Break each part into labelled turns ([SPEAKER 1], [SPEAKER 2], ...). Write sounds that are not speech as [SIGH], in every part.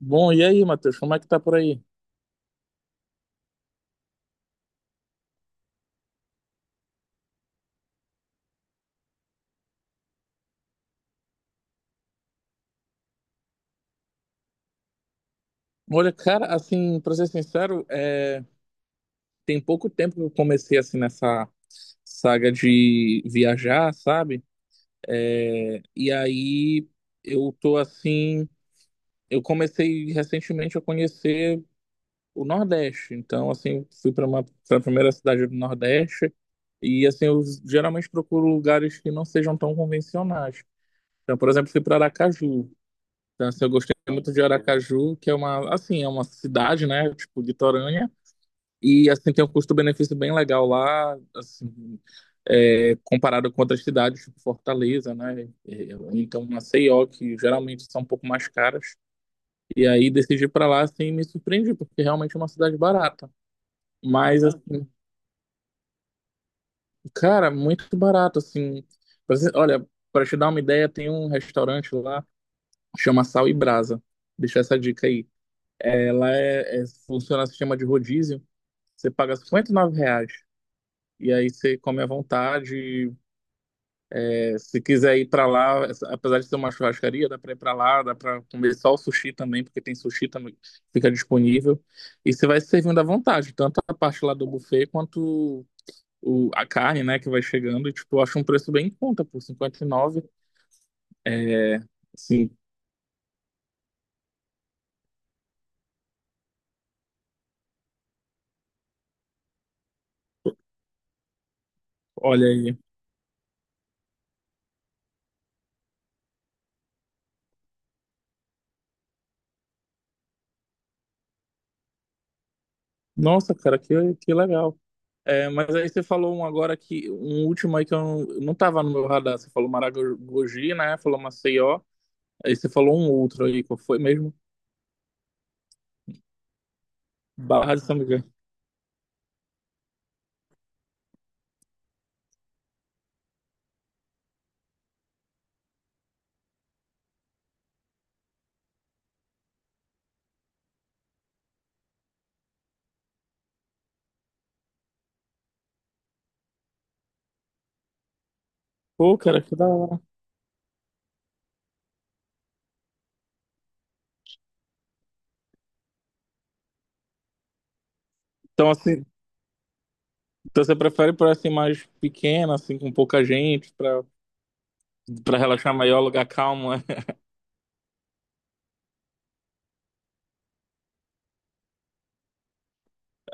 [SPEAKER 1] Bom, e aí, Matheus, como é que tá por aí? Olha, cara, assim, pra ser sincero, tem pouco tempo que eu comecei, assim, nessa saga de viajar, sabe? E aí eu tô, assim, eu comecei recentemente a conhecer o Nordeste. Então, assim, fui pra primeira cidade do Nordeste e, assim, eu geralmente procuro lugares que não sejam tão convencionais. Então, por exemplo, fui pra Aracaju. Então, assim, eu gostei muito de Aracaju, que é uma cidade, né, tipo, litorânea, e, assim, tem um custo-benefício bem legal lá, assim, comparado com outras cidades, tipo Fortaleza, né, ou então Maceió, que geralmente são um pouco mais caras, e aí decidi ir pra lá, assim, e me surpreendi, porque realmente é uma cidade barata. Mas, assim, cara, muito barato, assim. Olha, para te dar uma ideia, tem um restaurante lá, chama Sal e Brasa, deixa essa dica aí. Ela funciona no sistema de rodízio. Você paga R$ 59 reais. E aí você come à vontade. É, se quiser ir para lá, apesar de ser uma churrascaria, dá para ir para lá, dá para comer só o sushi também, porque tem sushi também, fica disponível. E você vai se servindo à vontade, tanto a parte lá do buffet quanto a carne, né, que vai chegando. E, tipo, eu acho um preço bem em conta, por 59. É, assim, olha aí. Nossa, cara, que legal. É, mas aí você falou um agora que um último aí que eu não tava no meu radar. Você falou Maragogi, né? Falou Maceió. Aí você falou um outro aí, qual foi mesmo? Barra de São Miguel. Pô, cara, que da hora. Então, assim, então você prefere por assim mais pequena, assim, com pouca gente, pra, relaxar maior, lugar calmo, né?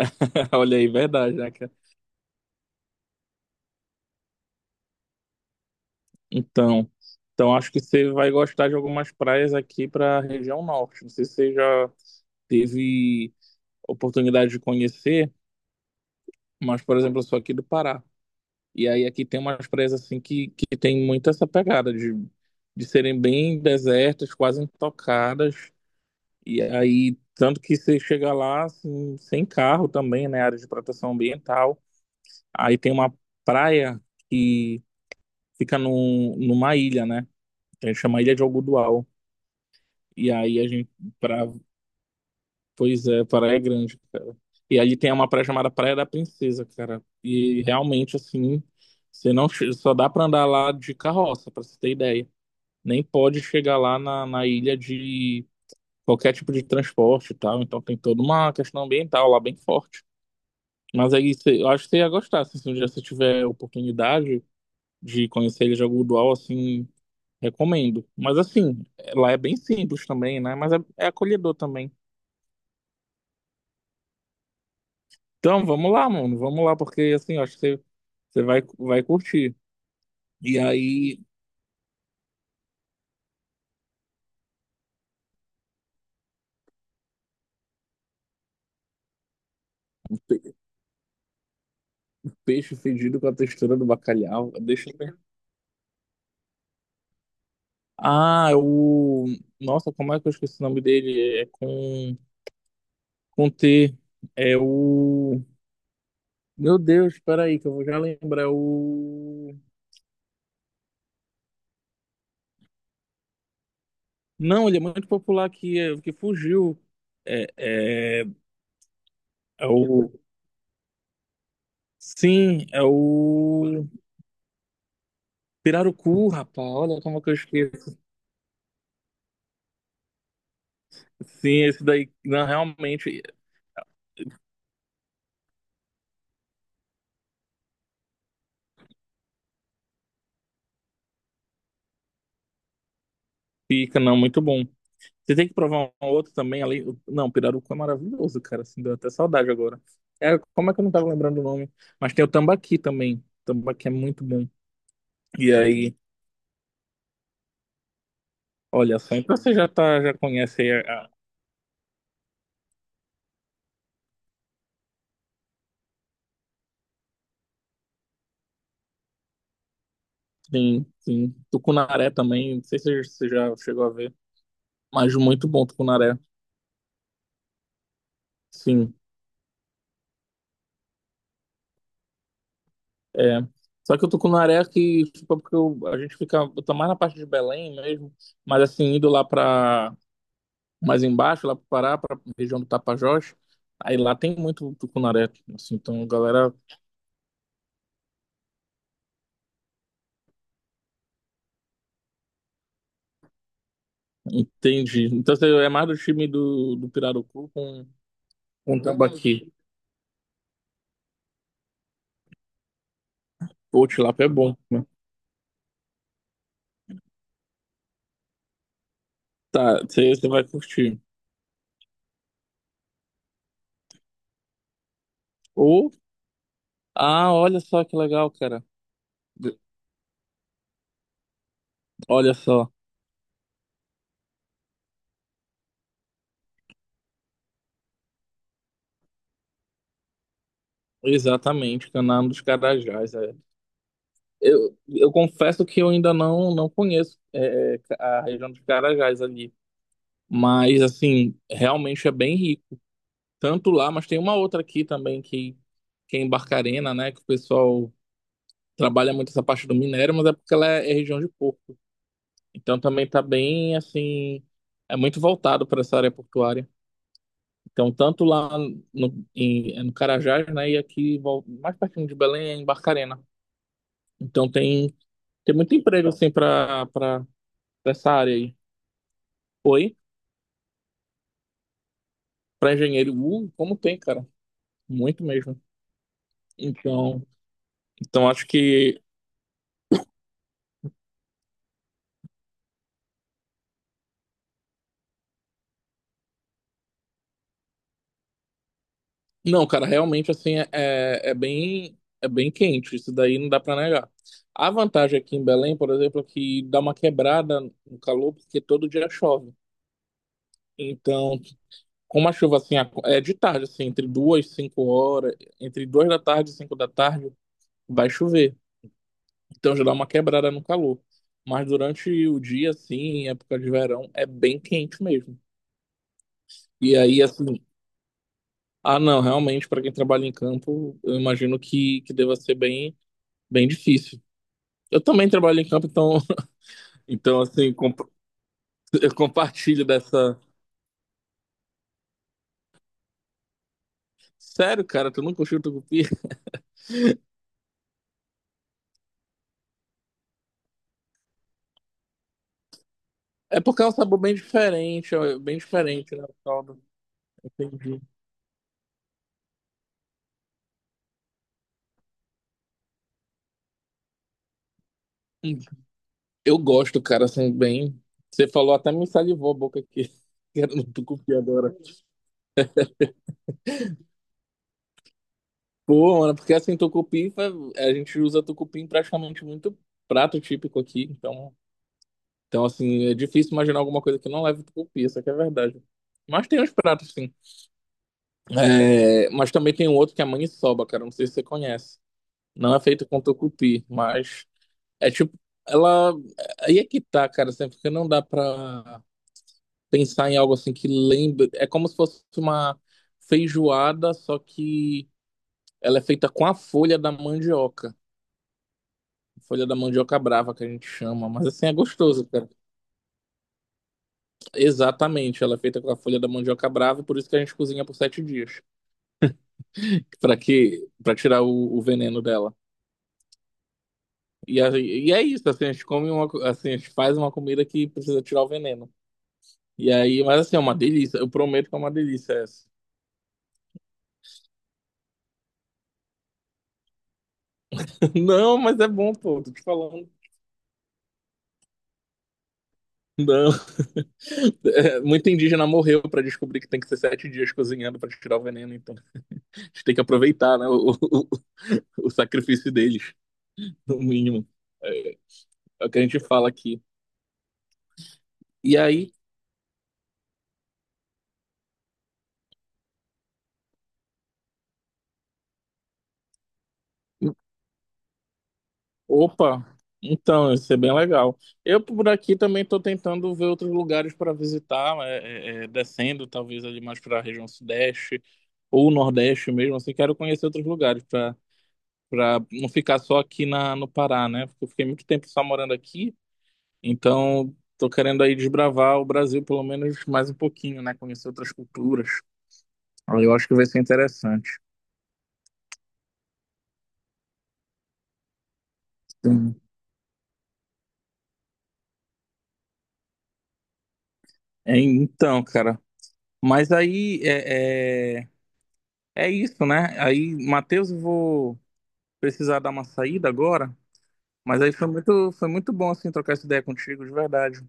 [SPEAKER 1] [LAUGHS] Olha aí, verdade, né, cara? Então, então acho que você vai gostar de algumas praias aqui pra região norte. Não sei se você já teve oportunidade de conhecer, mas, por exemplo, eu sou aqui do Pará. E aí aqui tem umas praias assim que tem muito essa pegada de serem bem desertas, quase intocadas. E aí, tanto que você chega lá assim, sem carro também, né? Área de proteção ambiental. Aí tem uma praia que fica numa ilha, né? A gente chama Ilha de Algodoal. E aí a gente, para Pois é, Praia Grande, cara. E ali tem uma praia chamada Praia da Princesa, cara. E realmente, assim, você não che- só dá pra andar lá de carroça, pra você ter ideia. Nem pode chegar lá na ilha de qualquer tipo de transporte e tal. Então tem toda uma questão ambiental lá bem forte. Mas aí você, eu acho que você ia gostar, assim, se um dia você tiver oportunidade de conhecer a Ilha de Algodoal, assim, recomendo. Mas assim, lá é bem simples também, né? Mas é, é acolhedor também. Então, vamos lá, mano. Vamos lá, porque assim, eu acho que você, você vai, vai curtir. E aí, pe- peixe fedido com a textura do bacalhau. Deixa eu ver. Ah, o. Nossa, como é que eu esqueci o nome dele? É com T. É o. Meu Deus, espera aí, que eu vou já lembrar. É o. Não, ele é muito popular aqui, é, que fugiu. É, é, é o. Sim, é o. Pirarucu, rapaz. Olha como é que eu esqueci. Sim, esse daí não, realmente fica, não, muito bom. Você tem que provar um outro também ali. Não, pirarucu é maravilhoso, cara. Assim, deu até saudade agora. É, como é que eu não tava lembrando o nome? Mas tem o tambaqui também. O tambaqui é muito bom. E aí, olha só, então você já tá, já conhece aí sim, sim. Tucunaré também. Não sei se você já chegou a ver, mas muito bom Tucunaré. Sim, é. Só que o Tucunaré é que, tipo, é porque a gente fica, eu tô mais na parte de Belém mesmo, mas assim, indo lá pra mais embaixo, lá para Pará, para região do Tapajós. Aí lá tem muito tucunaré, assim, então a galera entende. Então você é mais do time do Pirarucu com tambaqui. Ou tilápia é bom, né? Tá, você você vai curtir. Ou, ah, olha só que legal, cara. Olha só, exatamente, Canal dos Carajás, é. Eu confesso que eu ainda não conheço a região dos Carajás ali, mas assim, realmente é bem rico. Tanto lá, mas tem uma outra aqui também que é em Barcarena, né? Que o pessoal trabalha muito essa parte do minério, mas é porque ela é, é região de porto. Então também tá bem assim, é muito voltado para essa área portuária. Então tanto lá no Carajás, né? E aqui mais pertinho de Belém é em Barcarena. Então tem muito emprego assim para essa área aí. Oi, para engenheiro, como tem, cara? Muito mesmo. Então, então acho que não, cara, realmente assim é, é bem quente, isso daí não dá pra negar. A vantagem aqui em Belém, por exemplo, é que dá uma quebrada no calor porque todo dia chove. Então, como a chuva assim é de tarde, assim, entre 2 e 5 horas, entre 2 da tarde e 5 da tarde, vai chover. Então já dá uma quebrada no calor. Mas durante o dia, assim, em época de verão, é bem quente mesmo. E aí, assim, ah, não, realmente, para quem trabalha em campo, eu imagino que deva ser bem, bem difícil. Eu também trabalho em campo, então, [LAUGHS] então assim, eu compartilho dessa. Sério, cara, tu nunca curtiu tucupi? [LAUGHS] É porque é um sabor bem diferente, é bem diferente, né, o caldo. Entendi. Hum. Eu gosto, cara, assim, bem. Você falou até me salivou a boca aqui. [LAUGHS] Quero no tucupi agora. Pô, mano, porque assim, tucupi, a gente usa tucupi em praticamente muito prato típico aqui, então, então assim, é difícil imaginar alguma coisa que não leve tucupi, isso aqui é verdade. Mas tem uns pratos, sim. É, mas também tem um outro que é a maniçoba, cara. Não sei se você conhece. Não é feito com tucupi, mas é tipo. Ela. Aí é que tá, cara. Sempre que não dá pra pensar em algo assim que lembre. É como se fosse uma feijoada, só que ela é feita com a folha da mandioca. Folha da mandioca brava que a gente chama. Mas assim é gostoso, cara. Exatamente. Ela é feita com a folha da mandioca brava, por isso que a gente cozinha por 7 dias. Pra que... para tirar o veneno dela. E, e é isso, assim, a gente come assim, a gente faz uma comida que precisa tirar o veneno. E aí, mas assim, é uma delícia. Eu prometo que é uma delícia essa. [LAUGHS] Não, mas é bom, pô, tô te falando. Não. É, muito indígena morreu pra descobrir que tem que ser 7 dias cozinhando pra tirar o veneno, então a gente tem que aproveitar, né, o sacrifício deles, no mínimo. É, é o que a gente fala aqui. E aí. Opa, então, isso é bem legal. Eu por aqui também estou tentando ver outros lugares para visitar, descendo talvez ali mais para a região sudeste ou nordeste mesmo, assim, quero conhecer outros lugares para para não ficar só aqui na, no Pará, né? Porque eu fiquei muito tempo só morando aqui, então estou querendo aí desbravar o Brasil pelo menos mais um pouquinho, né? Conhecer outras culturas. Aí eu acho que vai ser interessante. Sim. É, então, cara, mas aí é... é, é isso, né? Aí, Matheus, eu vou precisar dar uma saída agora, mas aí foi muito bom assim trocar essa ideia contigo, de verdade.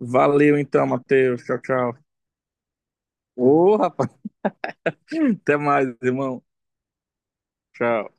[SPEAKER 1] Valeu então, Matheus. Tchau, tchau. Ô, rapaz, [LAUGHS] até mais, irmão. Tchau.